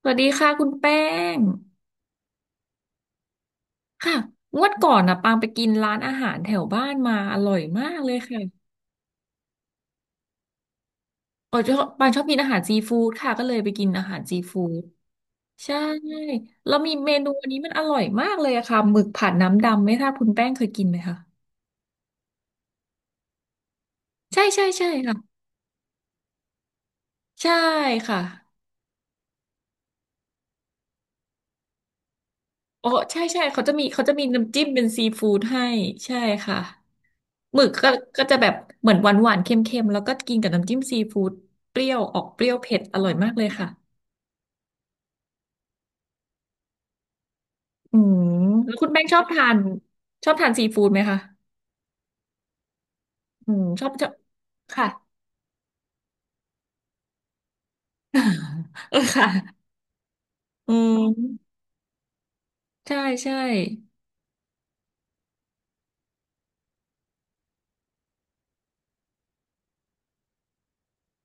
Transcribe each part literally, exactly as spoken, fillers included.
สวัสดีค่ะคุณแป้งค่ะงวดก่อนนะปางไปกินร้านอาหารแถวบ้านมาอร่อยมากเลยค่ะเออชอบปางชอบกินอาหารซีฟู้ดค่ะก็เลยไปกินอาหารซีฟู้ดใช่แล้วมีเมนูอันนี้มันอร่อยมากเลยอะค่ะหมึกผัดน้ำดำไม่ทราบคุณแป้งเคยกินไหมคะใช่ใช่ใช่ค่ะใช่ค่ะโอ้ใช่ใช่เขาจะมีเขาจะมีน้ำจิ้มเป็นซีฟู้ดให้ใช่ค่ะหมึกก็ก็จะแบบเหมือนหวานหวานเค็มๆแล้วก็กินกับน้ำจิ้มซีฟู้ดเปรี้ยวออกเปรี้ยวเผ็ดอร่อยมากเลยค่ะ อืมแล้วคุณแป้งชอบทานชอบทานซีฟู้ดไหมคะ อืมชอบชอบค่ะ เออค่ะอืมใช่ใช่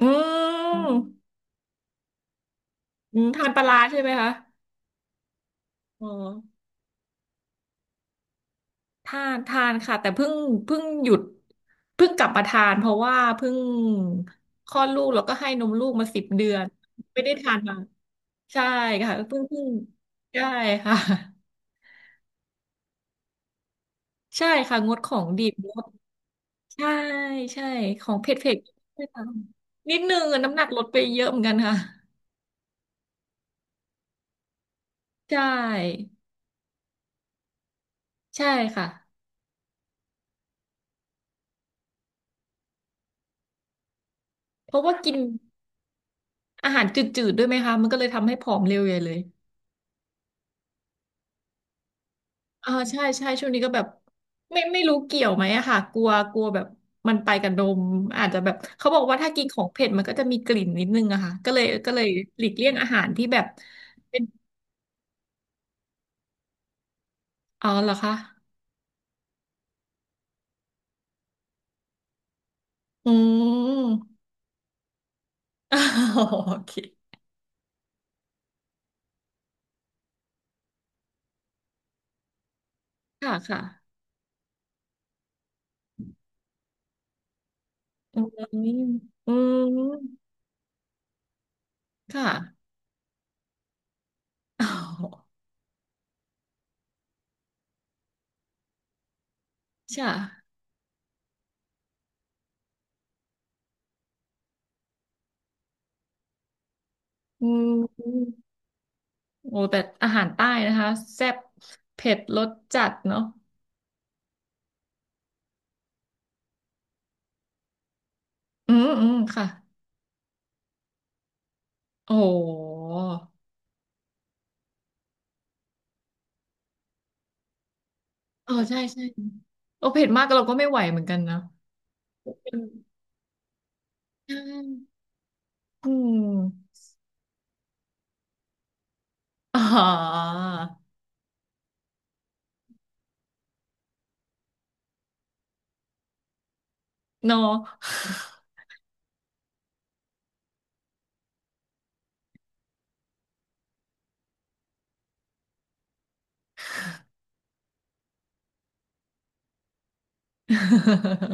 อืมอืมทานปลาร้าใช่ไหมคะอ๋อทานทานค่ะแต่เพิ่งเพิ่งหยุดเพิ่งกลับมาทานเพราะว่าเพิ่งคลอดลูกแล้วก็ให้นมลูกมาสิบเดือนไม่ได้ทานมาใช่ค่ะเพิ่งเพิ่งใช่ค่ะใช่ค่ะงดของดิบ ใช่ใช่ของเผ็ดเผ็ดด้วยค่ะนิดนึงอะน้ำหนักลดไปเยอะเหมือนกันค่ะใช่ใช่ค่ะเพราะว่ากินอาหารจืดๆด้วยไหมคะมันก็เลยทำให้ผอมเร็วใหญ่เลยอ่าใช่ใช่ช่วงนี้ก็แบบไม่ไม่รู้เกี่ยวไหมอะค่ะกลัวกลัวแบบมันไปกับนมอาจจะแบบเขาบอกว่าถ้ากินของเผ็ดมันก็จะมีกลิ่นนิดนึงอะค่ะก็เลยก็เลยหลีกเลี่ยงอาหารที่แบบเป็นอ๋อเหรอคะอืม โอเคค่ะค่ะ อืมอืมค่ะ อ๋อใช่อืมโอ้แต่อาหารใต้นะคะแซ่บเผ็ดรสจัดเนาะอืมอืมค่ะโอ้โหเออใช่ใช่โอ้เผ็ดมากเราก็ไม่ไหวเหมือนกันนะอืมใช่อืม อ๋อเนอะ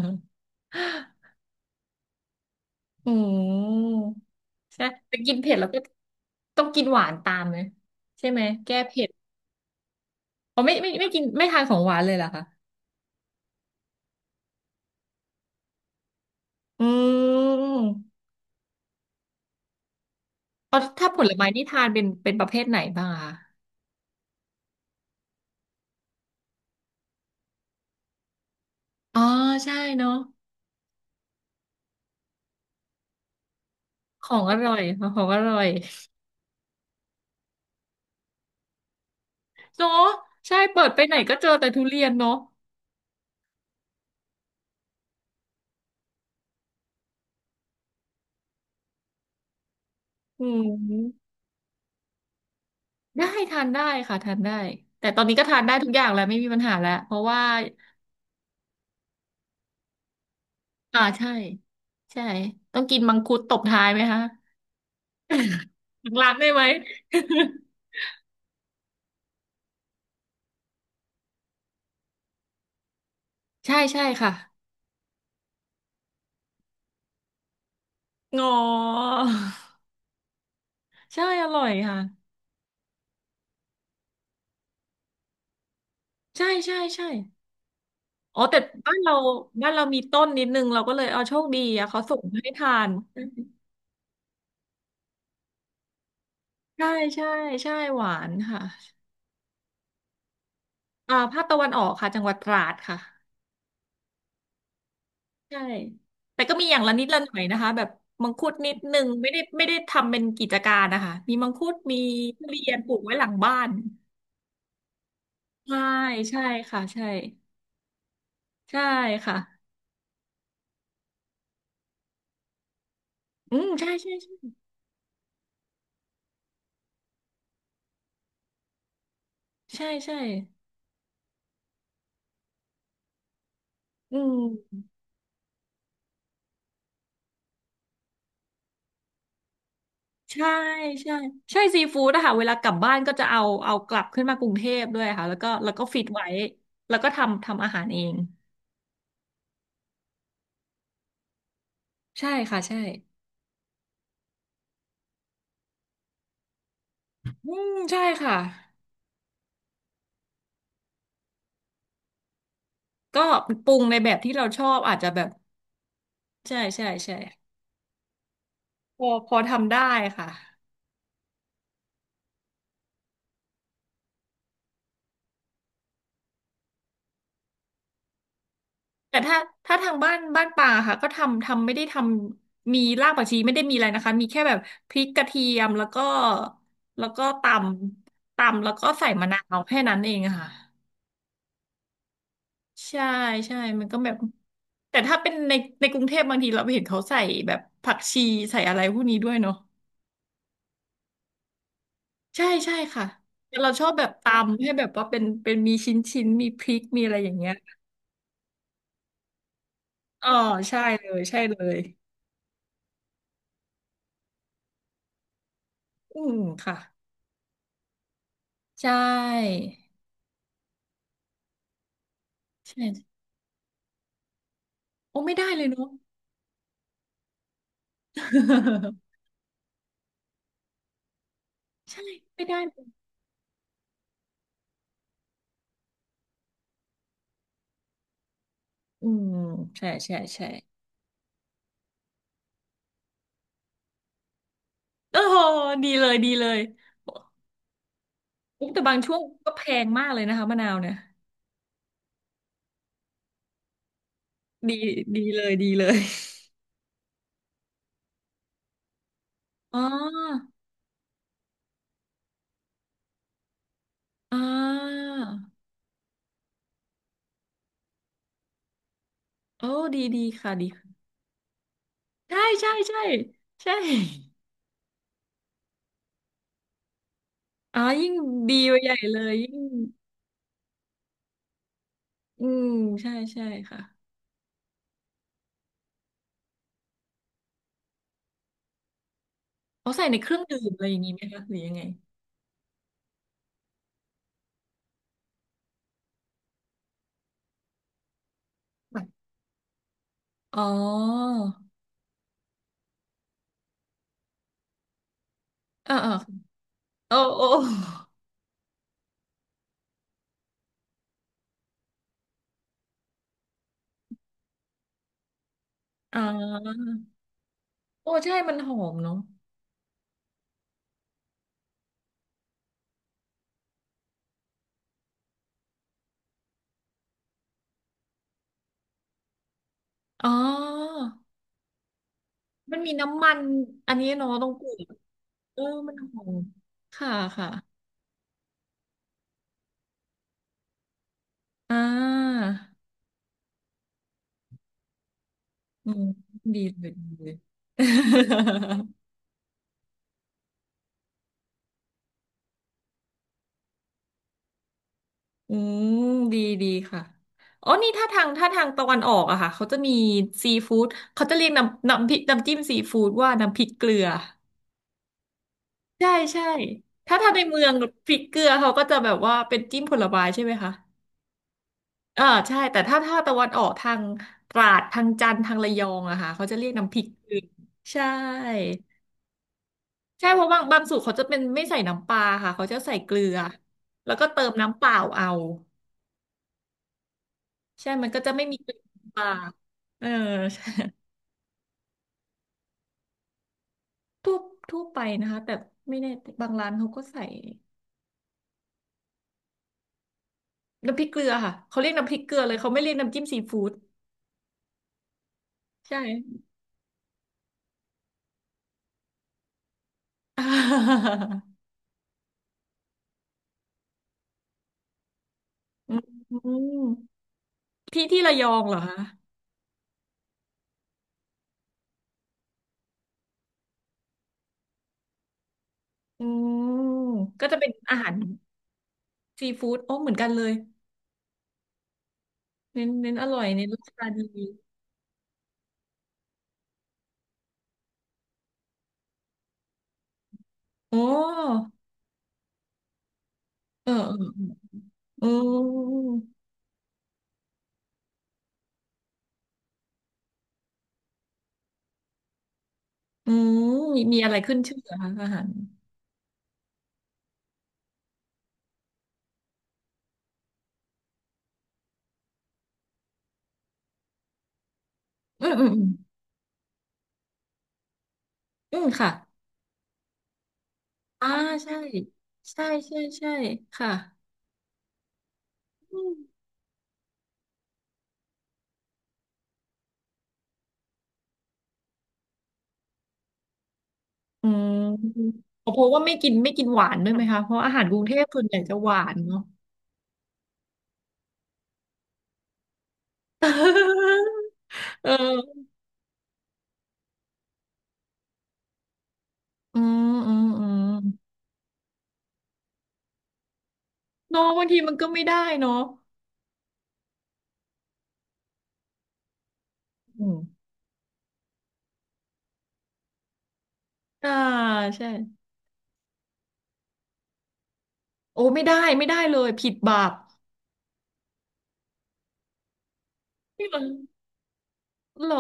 อืมใช่แต่กินเผ็ดแล้วก็ต้องกินหวานตามเลยใช่ไหมแก้เผ็ด อ๋อไม่ไม่ไม่กินไม่ทานของหวานเลยเหรอคะอืมอ๋อถ้าผลไม้นี่ทานเป็นเป็นประเภทไหนบ้างอะคะอ๋อใช่เนาะของอร่อยของอร่อยเนาะใช่เปิดไปไหนก็เจอแต่ทุเรียนเนาะอืมได้ทานได้ค่ะทานได้แต่ตอนนี้ก็ทานได้ทุกอย่างแล้วไม่มีปัญหาแล้วเพราะว่าอ่าใช่ใช่ต้องกินมังคุดตบท้ายไหมคะหลังร้านได้ไหม ใช่ใช่ค่ะงอใช่อร่อยค่ะใช่ใช่ใช่ อ๋อแต่บ้านเราบ้านเรามีต้นนิดนึงเราก็เลยเอาโชคดีอะเขาส่งให้ทานใช่ใช่ใช่หวานค่ะอ่าภาคตะวันออกค่ะจังหวัดตราดค่ะใช่แต่ก็มีอย่างละนิดละหน่อยนะคะแบบมังคุดนิดนึงไม่ได้ไม่ได้ทำเป็นกิจการนะคะมีมังคุดมีทุเรียนปลูกไว้หลังบ้านใช่ใช่ค่ะใช่ใช่ค่ะอืมใช่ใช่ใช่ใช่ใช่อืม ใช่ใช่ใช่ซีฟู้ดนะคะเวลากลับบ้านก็จะเอาเอากลับขึ้นมากรุงเทพด้วยค่ะแล้วก็แล้วก็ฟิตไว้แล้วก็ทำทำอาหารเองใช่ค่ะใช่อืมใช่ค่ะก็ปรุงในแบบที่เราชอบอาจจะแบบใช่ใช่ใช่พอพอทำได้ค่ะแต่ถ้าถ้าทางบ้านบ้านป่าค่ะก็ทำทำไม่ได้ทำมีรากผักชีไม่ได้มีอะไรนะคะมีแค่แบบพริกกระเทียมแล้วก็แล้วก็ตำตำแล้วก็ใส่มะนาวแค่นั้นเองอะค่ะ ใช่ใช่มันก็แบบ แต่ถ้าเป็นในในกรุงเทพบางทีเราไปเห็นเขาใส่แบบผักชีใส่อะไรพวกนี้ด้วยเนาะใช่ใช่ค่ะแต่เราชอบแบบตำให้แบบว่าเป็นเป็นมีชิ้นชิ้นมีพริกมีอะไรอย่างเงี้ยอ๋อใช่เลยใช่เลยอืมค่ะใช่ใช่โอ้ไม่ได้เลยเนาะ ใช่ไม่ได้เลยอืมใช่ใช่ใช่โอ้โหดีเลยดีเลยอุ๊ยแต่บางช่วงก็แพงมากเลยนะคะมะนาวเนี่ยดีดีเลยดีเลย อ๋ออ่าโอ้ดีดีค่ะดีค่ะใช่ใช่ใช่ ใช่อ๋อยิ่งดีไปใหญ่เลยยิ่งอืมใช่ใช่ค่ะเอาใส่ในเครื่องดื่มอะไรอย่างงี้ไหมคะหรือยังไงอ๋อเออเออโอ้โอ้ อ่าโอ้ใช่มันหอมเนาะอ๋อมันมีน้ำมันอันนี้เนาะตรงกลุ่มเออมันหอมค่ะค่ะอ่าอืมดีเลยดีเลย อืมดีดีค่ะอ๋อนี่ถ้าทางถ้าทางตะวันออกอะค่ะเขาจะมีซีฟู้ดเขาจะเรียกน้ำน้ำพริกน้ำจิ้มซีฟู้ดว่าน้ำพริกเกลือใช่ใช่ถ้าถ้าในเมืองพริกเกลือเขาก็จะแบบว่าเป็นจิ้มผลไม้ใช่ไหมคะเออใช่แต่ถ้าถ้าตะวันออกทางตราดทางจันทร์ทางระยองอะค่ะเขาจะเรียกน้ำพริกเกลือใช่ใช่เพราะบางบางสูตรเขาจะเป็นไม่ใส่น้ำปลาค่ะเขาจะใส่เกลือแล้วก็เติมน้ำเปล่าเอา ใช่มันก็จะไม่มีกลิ่นปากเออใช่ทั่วทั่วไปนะคะแต่ไม่แน่บางร้านเขาก็ใส่น้ำพริกเกลือค่ะเขาเรียกน้ำพริกเกลือเลย เขาไม่เรียกน้ำจิ้มซีฟู้ดใช่ อาอืมที่ที่ระยองเหรอคะอืมก็จะเป็นอาหารซีฟู้ดโอ้เหมือนกันเลยเน้นเน้นอร่อยเน้นราคาดีโอ้เออเอออืมอืมมีมีอะไรขึ้นชื่อเหรอคะอาหารอืมอืมอืมอืมค่ะ อ่าใช่ใช่ใช่ใช่ค่ะอืมอืมพสา์ว่าไม่กินไม่กินหวานด้วยไหมคะเพราะอาหารกรุงเทพส่วนใหญ่จะหวานเนาะ เอออืมอืมอืมเน้องบางทีมันก็ไม่ได้เนาะอืมอ่าใช่โอ้ไม่ได้ไม่ได้เลยผิดบาปนี่เหรอเหรอ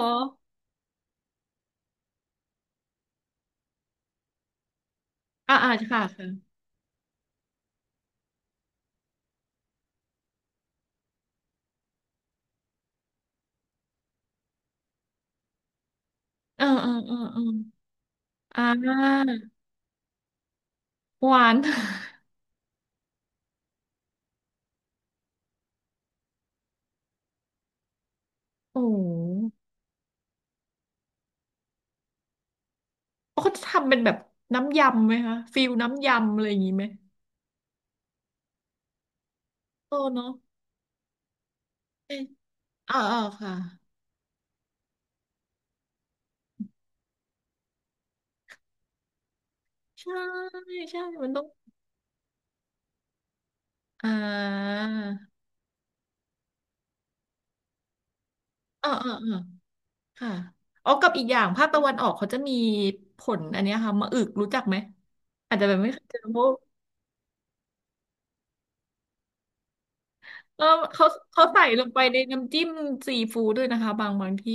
อ่าอ่าค่ะค่ะเออเออเออเอออ่าหวาน โอ้โหเขาจะทำเป็นแบบน้ำยำไหมคะฟิลน้ำยำอะไรอย่างงี้ไหม โตเนาะเอะอ่าอ่าค่ะใช่ใช่มันต้องอ่าอ่าอ่าอ่าค่ะอ๋อกับอีกอย่างภาคตะวันออกเขาจะมีผลอันเนี้ยค่ะมะอึกรู้จักไหมอาจจะแบบไม่เคยเจอเพราะเออเขาเขาใส่ลงไปในน้ำจิ้มซีฟู้ดด้วยนะคะบางบางที่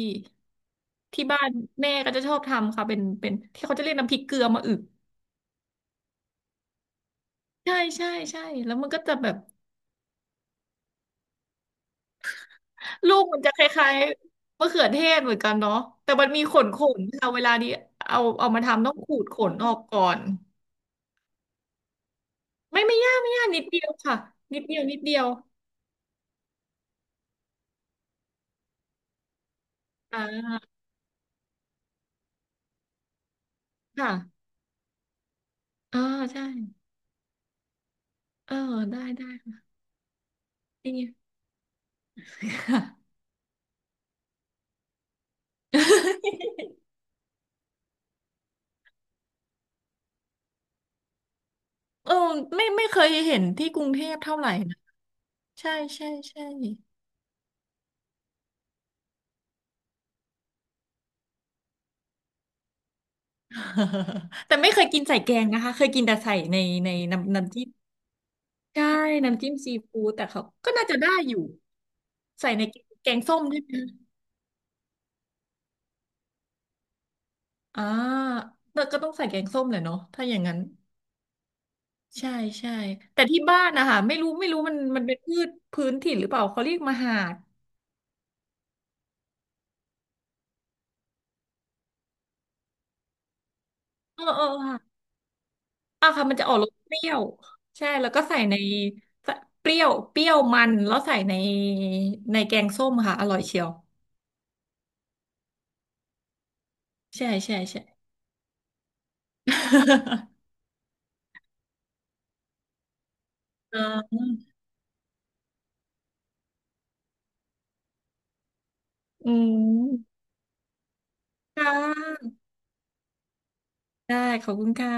ที่บ้านแม่ก็จะชอบทำค่ะเป็นเป็นที่เขาจะเรียกน้ำพริกเกลือมะอึกใช่ใช่ใช่แล้วมันก็จะแบบ ลูกมันจะคล้ายๆมะเขือเทศเหมือนกันเนาะแต่มันมีขนขนค่ะเวลานี้เอาเอามาทำต้องขูดขนออกก่อนไม่ไม่ยากไม่ยากนิดเดียวค่ะนิดเดียวนิดเดียวอ่าค่ะอ่าใช่เออได้ได้ ค่ะนี่ค่ะเออไม่ไม่เคยเห็นที่กรุงเทพเท่าไหร่นะใช่ใช่ใช่ แต่ไม่เคยกินใส่แกงนะคะเคยกินแต่ใส่ในในน้ำน้ำจิ้ม ใช่น้ำจิ้มซีฟู้ดแต่เขาก็น่าจะได้อยู่ใส่ในแกงส้มด้วยนะอ่าแต่ก็ต้องใส่แกงส้มแหละเนาะถ้าอย่างนั้นใช่ใช่แต่ที่บ้านนะคะไม่รู้ไม่รู้มันมันเป็นพืชพื้นถิ่นหรือเปล่าเขาเรียกมหาดเออเออค่ะอ่ะค่ะมันจะออกรสเปรี้ยวใช่แล้วก็ใส่ในใส่เปรี้ยวเปรี้ยวมันแล้วใส่ในในแกงส้มค่ะอร่อยเชียวใช่ใช่ใช่ อ่าอืมค่ะได้ขอบคุณค่ะ